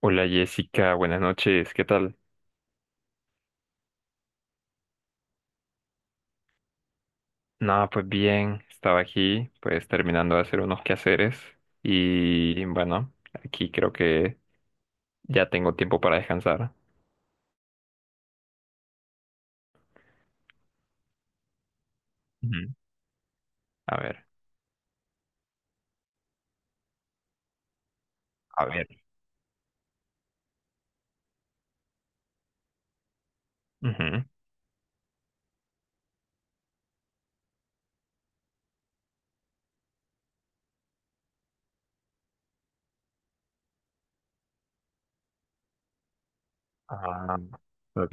Hola Jessica, buenas noches, ¿qué tal? Nada, pues bien, estaba aquí, pues terminando de hacer unos quehaceres y bueno, aquí creo que ya tengo tiempo para descansar. Ujú. A ver, a ver. Ujú, ah, ok,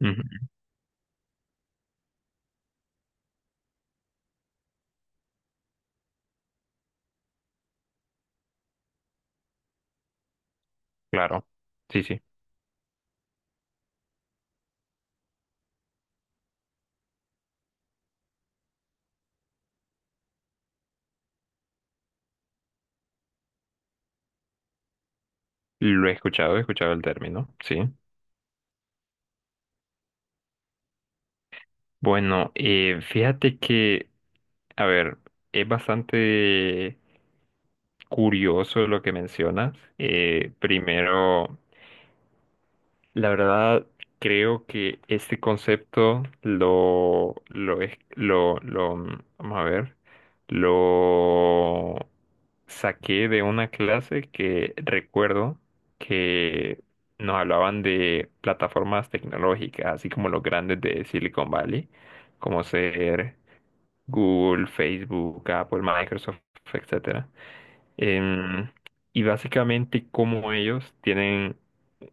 ujú, claro, sí, sí, lo he escuchado el término, sí. Bueno, fíjate que, a ver, es bastante curioso lo que mencionas. Primero... La verdad, creo que este concepto lo, es- lo, mm, vamos a ver, lo saqué de una clase que recuerdo que nos hablaban de plataformas tecnológicas, así como los grandes de Silicon Valley, como ser Google, Facebook, Apple, Microsoft, etcétera. Em, y básicamente cómo ellos tienen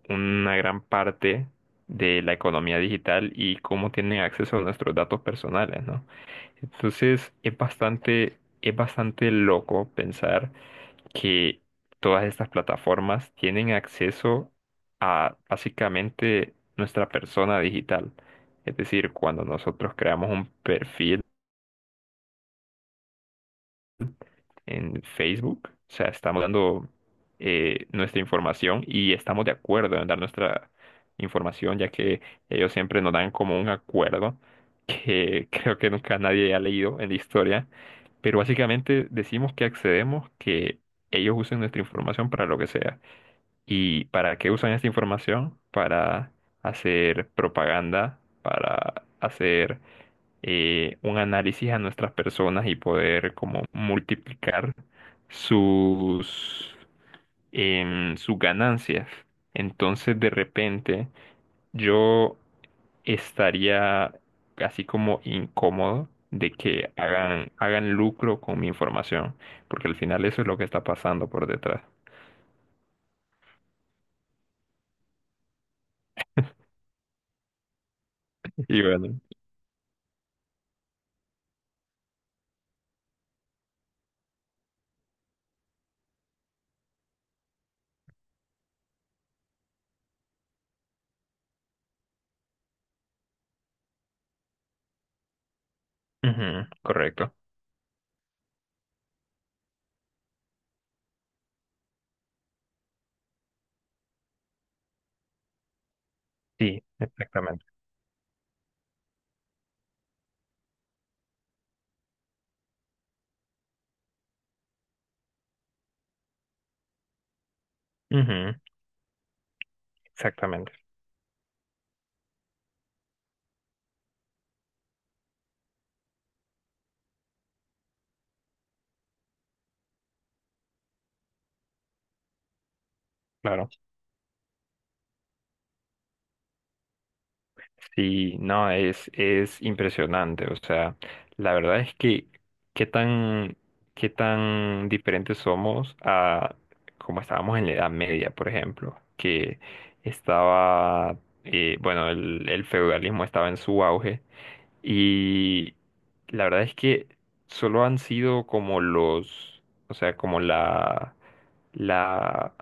una gran parte de la economía digital y cómo tienen acceso a nuestros datos personales, ¿no? Entonces, es bastante loco pensar que todas estas plataformas tienen acceso a básicamente nuestra persona digital. Es decir, cuando nosotros creamos un perfil, en Facebook. O sea, estamos dando nuestra información y estamos de acuerdo en dar nuestra información, ya que ellos siempre nos dan como un acuerdo que creo que nunca nadie ha leído en la historia. Pero básicamente decimos que accedemos, que ellos usen nuestra información para lo que sea. ¿Y para qué usan esta información? Para hacer propaganda, para hacer un análisis a nuestras personas y poder como multiplicar sus, sus ganancias. Entonces, de repente, yo estaría así como incómodo de que hagan lucro con mi información, porque al final eso es lo que está pasando por detrás. Y bueno. Ujú, correcto. Sí, exactamente. Ujú, exactamente. Claro. Sí, no, es impresionante. O sea, la verdad es que qué tan, qué tan diferentes somos a como estábamos en la Edad Media, por ejemplo, que estaba, bueno, el feudalismo estaba en su auge y la verdad es que solo han sido como los, o sea, como la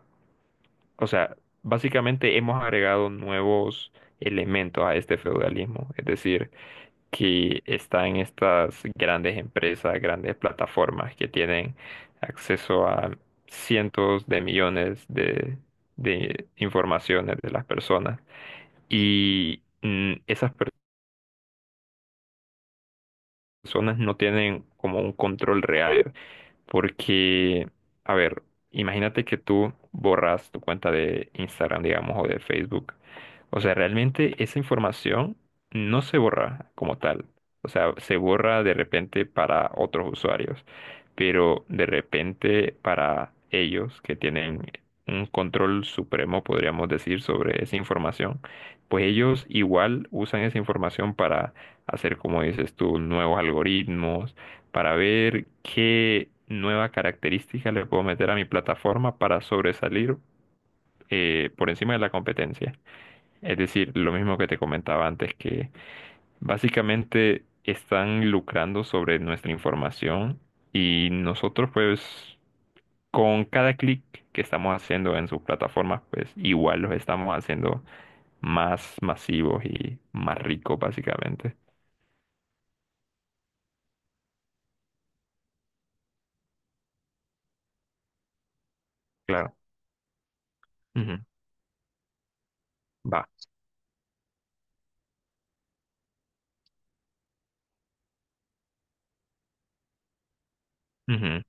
o sea, básicamente hemos agregado nuevos elementos a este feudalismo, es decir, que están estas grandes empresas, grandes plataformas que tienen acceso a cientos de millones de informaciones de las personas y esas personas no tienen como un control real. Porque, a ver, imagínate que tú borras tu cuenta de Instagram, digamos, o de Facebook. O sea, realmente esa información no se borra como tal. O sea, se borra de repente para otros usuarios, pero de repente para ellos que tienen un control supremo, podríamos decir, sobre esa información, pues ellos igual usan esa información para hacer, como dices tú, nuevos algoritmos para ver qué nueva característica le puedo meter a mi plataforma para sobresalir por encima de la competencia. Es decir, lo mismo que te comentaba antes, que básicamente están lucrando sobre nuestra información y nosotros pues con cada clic que estamos haciendo en sus plataformas pues igual los estamos haciendo más masivos y más ricos básicamente. Claro. Ujú. Va. Ujú.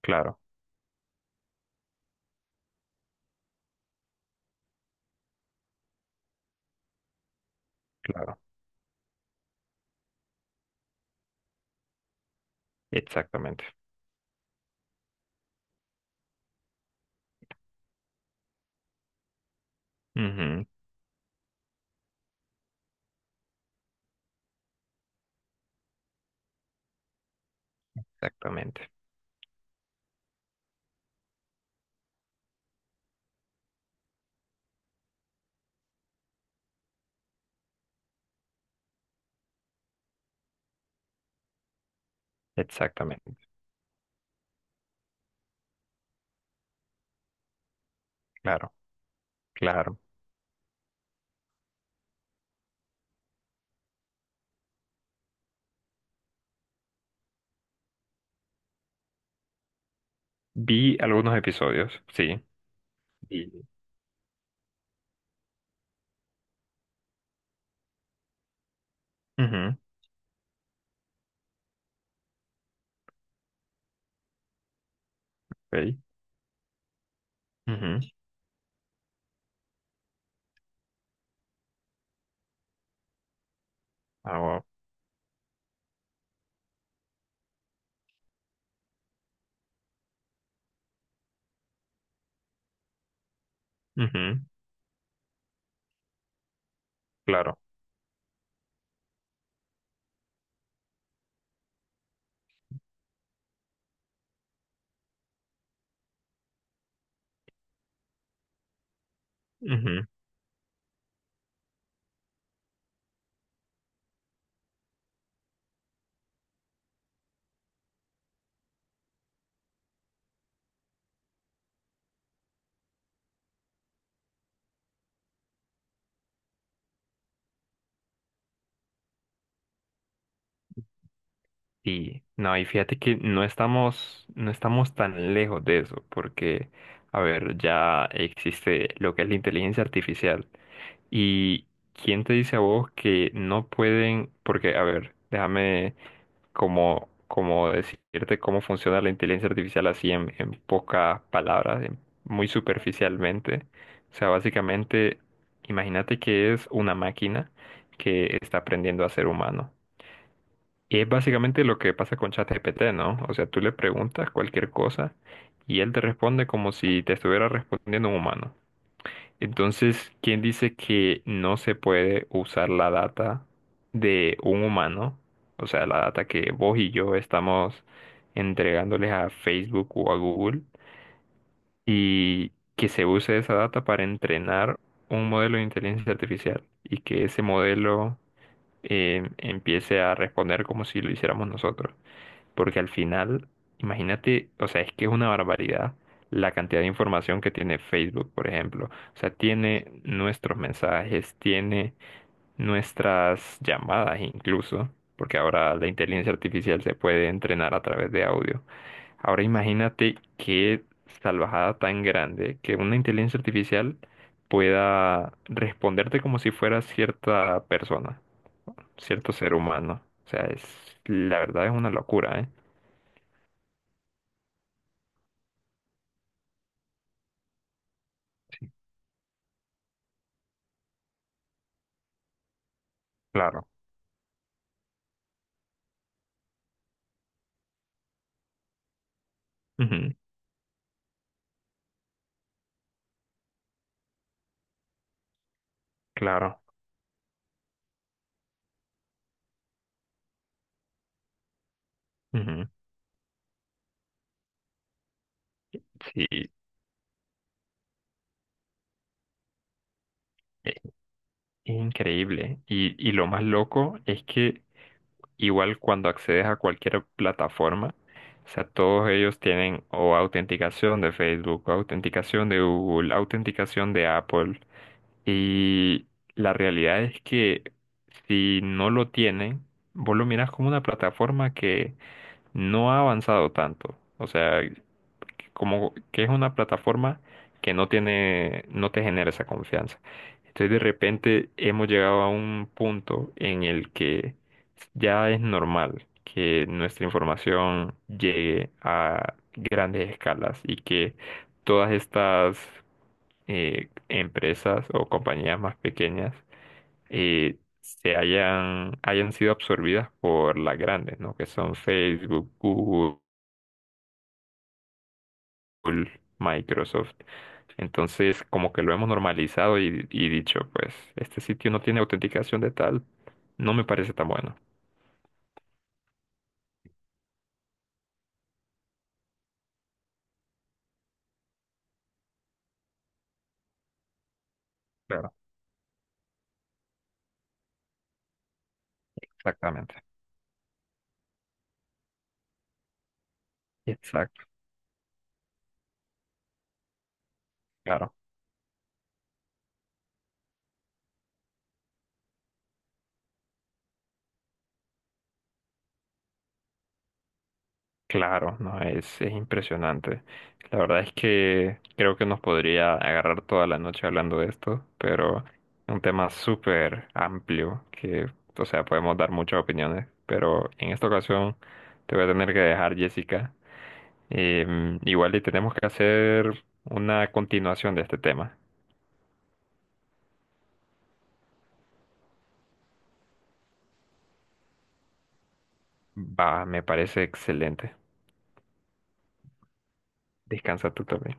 Claro, claro. Exactamente. Ujú. Exactamente, exactamente, claro, claro. Vi algunos episodios, sí. Y, ujú, ok, ujú, ah, wow, ujú, claro, ujú. Y no, y fíjate que no estamos tan lejos de eso, porque, a ver, ya existe lo que es la inteligencia artificial. ¿Y quién te dice a vos que no pueden? Porque, a ver, déjame como decirte cómo funciona la inteligencia artificial así en pocas palabras, en- muy superficialmente. O sea, básicamente, imagínate que es una máquina que está aprendiendo a ser humano. Y es básicamente lo que pasa con ChatGPT, ¿no? O sea, tú le preguntas cualquier cosa y él te responde como si te estuviera respondiendo un humano. Entonces, ¿quién dice que no se puede usar la data de un humano? O sea, la data que vos y yo estamos entregándoles a Facebook o a Google y que se use esa data para entrenar un modelo de inteligencia artificial y que ese modelo empiece a responder como si lo hiciéramos nosotros. Porque al final, imagínate, o sea, es que es una barbaridad la cantidad de información que tiene Facebook, por ejemplo. O sea, tiene nuestros mensajes, tiene nuestras llamadas incluso, porque ahora la inteligencia artificial se puede entrenar a través de audio. Ahora imagínate qué salvajada tan grande que una inteligencia artificial pueda responderte como si fuera cierta persona, cierto ser humano. O sea, la verdad es una locura, ¿eh? Sí, claro. Ujú, claro. Ujú, sí, es increíble. Y lo más loco es que igual cuando accedes a cualquier plataforma, o sea, todos ellos tienen o autenticación de Facebook, o autenticación de Google, autenticación de Apple. Y la realidad es que si no lo tienen, vos lo mirás como una plataforma que no ha avanzado tanto. O sea, que como que es una plataforma que no tiene, no te genera esa confianza. Entonces de repente hemos llegado a un punto en el que ya es normal que nuestra información llegue a grandes escalas y que todas estas empresas o compañías más pequeñas hayan sido absorbidas por las grandes, ¿no? Que son Facebook, Google, Microsoft. Entonces, como que lo hemos normalizado y dicho, pues, este sitio no tiene autenticación de tal, no me parece tan bueno. Claro, exactamente. Exacto, claro. Claro, no, es impresionante. La verdad es que creo que nos podría agarrar toda la noche hablando de esto, pero es un tema súper amplio que, o sea, podemos dar muchas opiniones, pero en esta ocasión te voy a tener que dejar, Jessica. Em, igual y tenemos que hacer una continuación de este tema. Va, me parece excelente. Descansa tú también.